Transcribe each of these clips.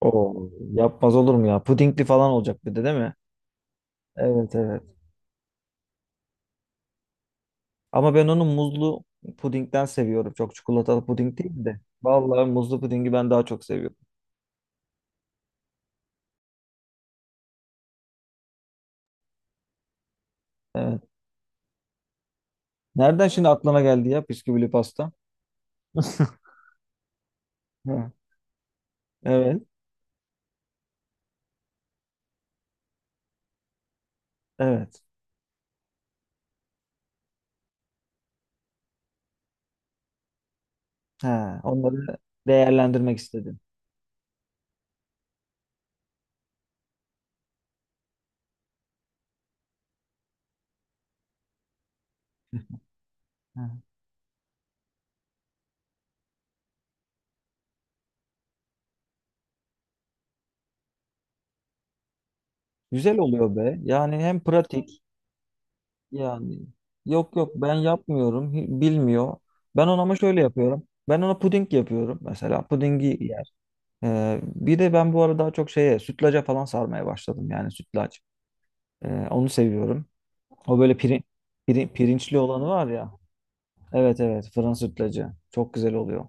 Oo, yapmaz olur mu ya? Pudingli falan olacak bir de değil mi? Evet evet. Ama ben onu muzlu pudingden seviyorum. Çok çikolatalı puding değil de. Vallahi muzlu pudingi ben daha çok seviyorum. Evet. Nereden şimdi aklına geldi ya bisküvili pasta? Hı. Evet. Evet. Ha, onları değerlendirmek istedim. Ha. Güzel oluyor be. Yani hem pratik yani. Yok yok ben yapmıyorum. Bilmiyor. Ben ona ama şöyle yapıyorum. Ben ona puding yapıyorum. Mesela pudingi. Bir de ben bu arada daha çok şeye sütlaca falan sarmaya başladım yani sütlaç. Onu seviyorum. O böyle pirinçli olanı var ya. Evet evet fırın sütlacı. Çok güzel oluyor.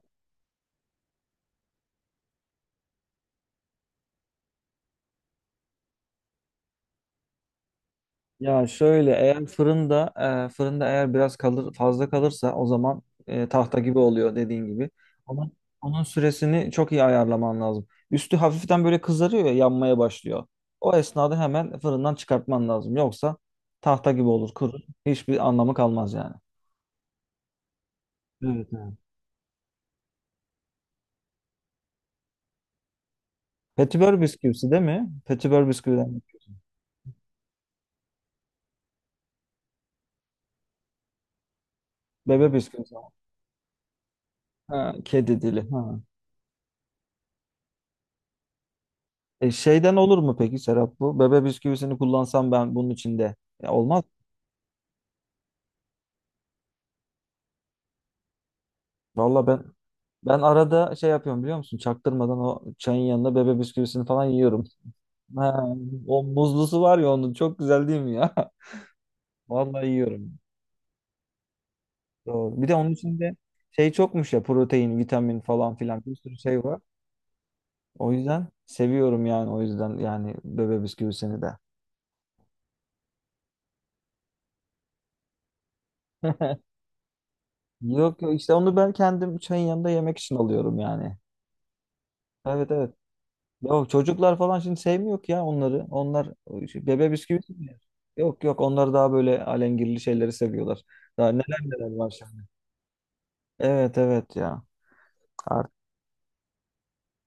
Ya şöyle eğer fırında eğer biraz kalır fazla kalırsa o zaman tahta gibi oluyor dediğin gibi. Ama onun süresini çok iyi ayarlaman lazım. Üstü hafiften böyle kızarıyor ya yanmaya başlıyor. O esnada hemen fırından çıkartman lazım. Yoksa tahta gibi olur kurur. Hiçbir anlamı kalmaz yani. Evet. Petibör bisküvisi değil mi? Petibör bisküviden. Bebe bisküvisi. Ha, kedi dili. Ha. Şeyden olur mu peki Serap bu? Bebe bisküvisini kullansam ben bunun içinde. Ya olmaz. Valla ben arada şey yapıyorum biliyor musun? Çaktırmadan o çayın yanında bebe bisküvisini falan yiyorum. Ha, o muzlusu var ya onun çok güzel değil mi ya? Vallahi yiyorum. Doğru. Bir de onun içinde şey çokmuş ya protein, vitamin falan filan bir sürü şey var. O yüzden seviyorum yani o yüzden yani bebe bisküvisini de. Yok yok işte onu ben kendim çayın yanında yemek için alıyorum yani. Evet evet. yok çocuklar falan şimdi sevmiyor ki ya onları. Onlar o şey, bebe bisküvi sevmiyor. Yok yok onlar daha böyle alengirli şeyleri seviyorlar. Daha neler neler var şimdi. Evet evet ya. Artık.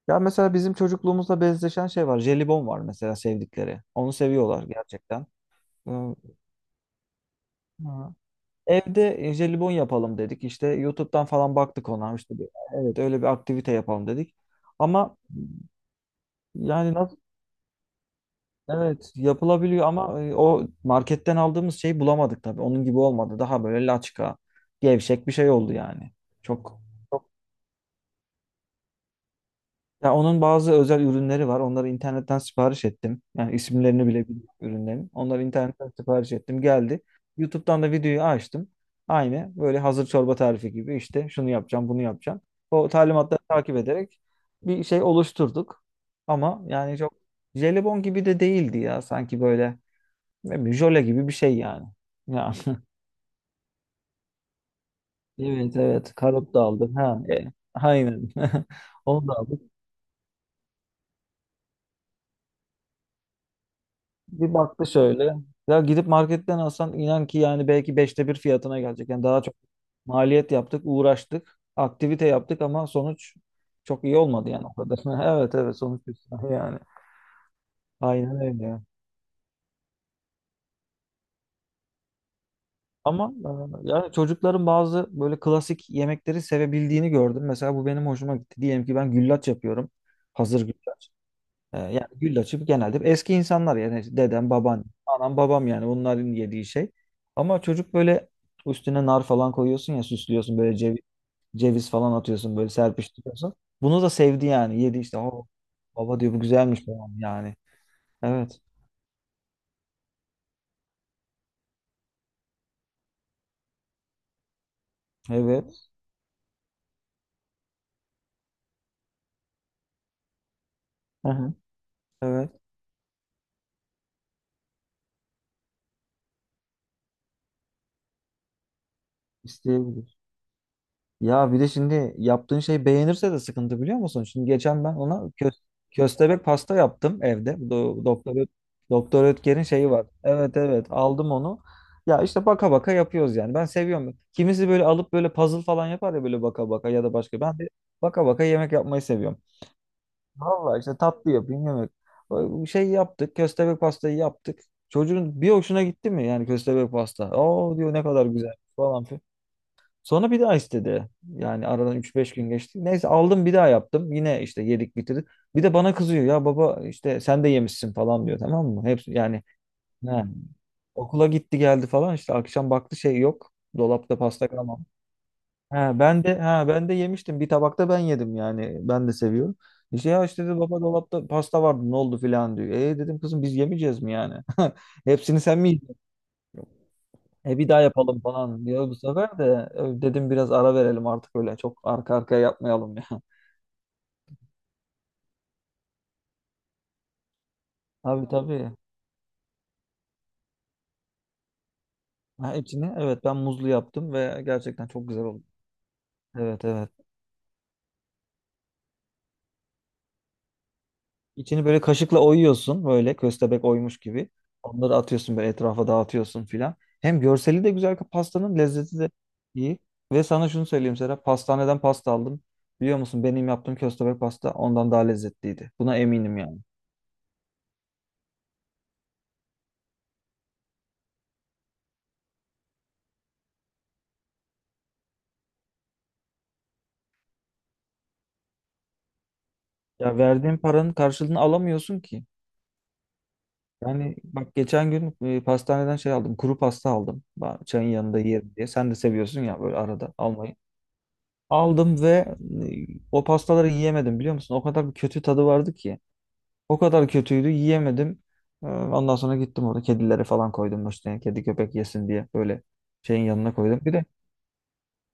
Ya mesela bizim çocukluğumuzla benzeşen şey var. Jelibon var mesela sevdikleri. Onu seviyorlar gerçekten. Ee, ha. Evde jelibon yapalım dedik. İşte YouTube'dan falan baktık ona. İşte evet öyle bir aktivite yapalım dedik. Ama yani nasıl? Evet yapılabiliyor ama o marketten aldığımız şeyi bulamadık tabii. Onun gibi olmadı. Daha böyle laçka, gevşek bir şey oldu yani. Çok çok ya onun bazı özel ürünleri var. Onları internetten sipariş ettim. Yani isimlerini bile bilmiyorum ürünlerin. Onları internetten sipariş ettim. Geldi. YouTube'dan da videoyu açtım. Aynı böyle hazır çorba tarifi gibi işte şunu yapacağım, bunu yapacağım. O talimatları takip ederek bir şey oluşturduk. Ama yani çok jelibon gibi de değildi ya sanki böyle. Ne bileyim, jöle gibi bir şey yani. Ya, evet evet karot da aldık. Ha, aynen. Onu da aldık. Bir baktı şöyle. Ya gidip marketten alsan inan ki yani belki 1/5 fiyatına gelecek. Yani daha çok maliyet yaptık, uğraştık, aktivite yaptık ama sonuç çok iyi olmadı yani o kadar. Evet evet sonuç güzel yani. Aynen öyle. Ama yani çocukların bazı böyle klasik yemekleri sevebildiğini gördüm. Mesela bu benim hoşuma gitti. Diyelim ki ben güllaç yapıyorum. Hazır güllaç. Yani güllaç gibi genelde eski insanlar yani dedem, baban, anam, babam yani onların yediği şey. Ama çocuk böyle üstüne nar falan koyuyorsun ya süslüyorsun böyle ceviz, ceviz falan atıyorsun böyle serpiştiriyorsun. Bunu da sevdi yani yedi işte. "Aa, baba diyor bu güzelmiş falan yani. Evet. Evet. Hı hı. Evet. İsteyebilir. Ya bir de şimdi yaptığın şey beğenirse de sıkıntı biliyor musun? Şimdi geçen ben ona köstebek pasta yaptım evde. Doktor Ötker'in şeyi var. Evet evet aldım onu. Ya işte baka baka yapıyoruz yani. Ben seviyorum. Kimisi böyle alıp böyle puzzle falan yapar ya böyle baka baka ya da başka. Ben de baka baka yemek yapmayı seviyorum. Vallahi işte tatlı yapayım yemek. O şey yaptık. Köstebek pastayı yaptık. Çocuğun bir hoşuna gitti mi yani köstebek pasta? Oo diyor ne kadar güzel falan. Sonra bir daha istedi. Yani aradan üç beş gün geçti. Neyse aldım bir daha yaptım. Yine işte yedik bitirdik. Bir de bana kızıyor. Ya baba işte sen de yemişsin falan diyor tamam mı? Hepsi yani he, okula gitti geldi falan işte akşam baktı şey yok. Dolapta pasta kalmamış. Ha, ben de yemiştim. Bir tabakta ben yedim yani. Ben de seviyorum. İşte ya işte dedi baba dolapta pasta vardı ne oldu filan diyor. E dedim kızım biz yemeyeceğiz mi yani? Hepsini sen mi bir daha yapalım falan diyor bu sefer de dedim biraz ara verelim artık öyle çok arka arkaya yapmayalım ya. Tabii tabii. Ha, içini evet ben muzlu yaptım ve gerçekten çok güzel oldu. Evet evet. İçini böyle kaşıkla oyuyorsun böyle köstebek oymuş gibi. Onları atıyorsun böyle etrafa dağıtıyorsun filan. Hem görseli de güzel pastanın lezzeti de iyi. Ve sana şunu söyleyeyim Serap, pastaneden pasta aldım. Biliyor musun benim yaptığım köstebek pasta ondan daha lezzetliydi. Buna eminim yani. Ya verdiğin paranın karşılığını alamıyorsun ki. Yani bak geçen gün pastaneden şey aldım. Kuru pasta aldım. Ben çayın yanında yerim diye. Sen de seviyorsun ya böyle arada almayı. Aldım ve e, o pastaları yiyemedim biliyor musun? O kadar bir kötü tadı vardı ki. O kadar kötüydü yiyemedim. Ondan sonra gittim orada kedilere falan koydum işte. Kedi köpek yesin diye böyle şeyin yanına koydum. Bir de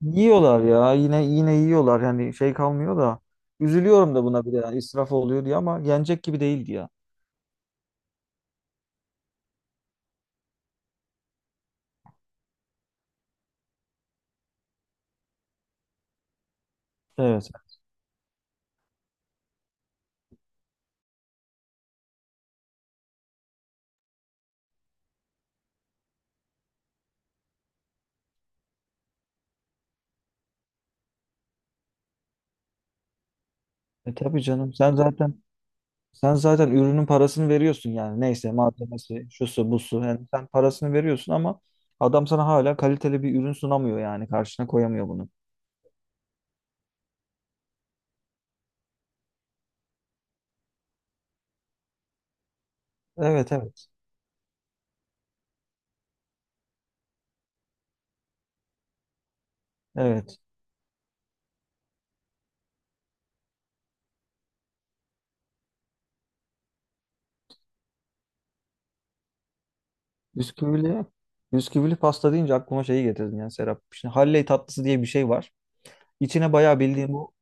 yiyorlar ya yine yine yiyorlar. Yani şey kalmıyor da. Üzülüyorum da buna bir de yani israf oluyor diye ama yenecek gibi değildi ya. Evet. Tabii canım Sen zaten ürünün parasını veriyorsun yani. Neyse malzemesi, şusu, busu. Yani sen parasını veriyorsun ama adam sana hala kaliteli bir ürün sunamıyor yani. Karşına koyamıyor bunu. Evet evet. Evet. Bisküvili, bisküvili pasta deyince aklıma şeyi getirdin yani Serap. Şimdi Halley tatlısı diye bir şey var. İçine bayağı bildiğin bu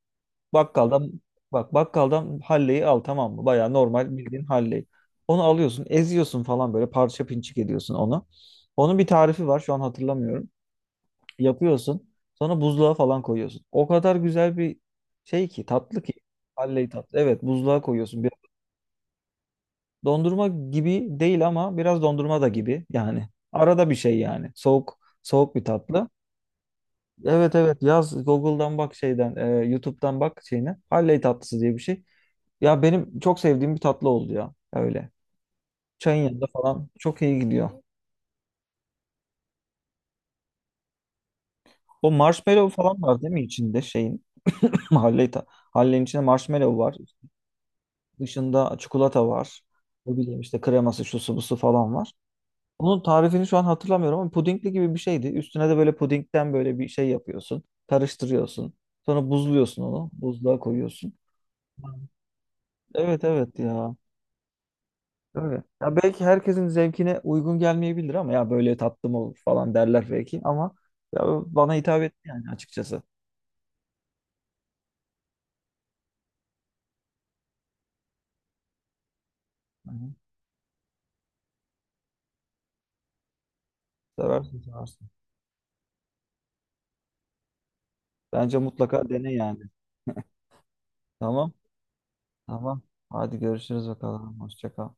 bakkaldan bakkaldan Halley'i al tamam mı? Bayağı normal bildiğin Halley. Onu alıyorsun, eziyorsun falan böyle parça pinçik ediyorsun onu. Onun bir tarifi var şu an hatırlamıyorum. Yapıyorsun. Sonra buzluğa falan koyuyorsun. O kadar güzel bir şey ki tatlı ki. Halley tatlı. Evet buzluğa koyuyorsun. Dondurma gibi değil ama biraz dondurma da gibi yani. Arada bir şey yani. Soğuk soğuk bir tatlı. Evet evet yaz Google'dan bak şeyden YouTube'dan bak şeyine. Halley tatlısı diye bir şey. Ya benim çok sevdiğim bir tatlı oldu ya. Öyle. Çayın yanında falan çok iyi gidiyor. O marshmallow falan var değil mi içinde şeyin? Halley ta Halley'in içinde marshmallow var. Dışında çikolata var. Ne bileyim işte kreması, şusu, busu falan var. Onun tarifini şu an hatırlamıyorum ama pudingli gibi bir şeydi. Üstüne de böyle pudingden böyle bir şey yapıyorsun. Karıştırıyorsun. Sonra buzluyorsun onu. Buzluğa koyuyorsun. Evet evet ya. Öyle. Ya belki herkesin zevkine uygun gelmeyebilir ama ya böyle tatlı mı olur falan derler belki ama ya bana hitap etti yani açıkçası. Hı hı. Seversin seversin. Bence mutlaka dene yani. Tamam. Tamam. Hadi görüşürüz bakalım. Hoşça kal.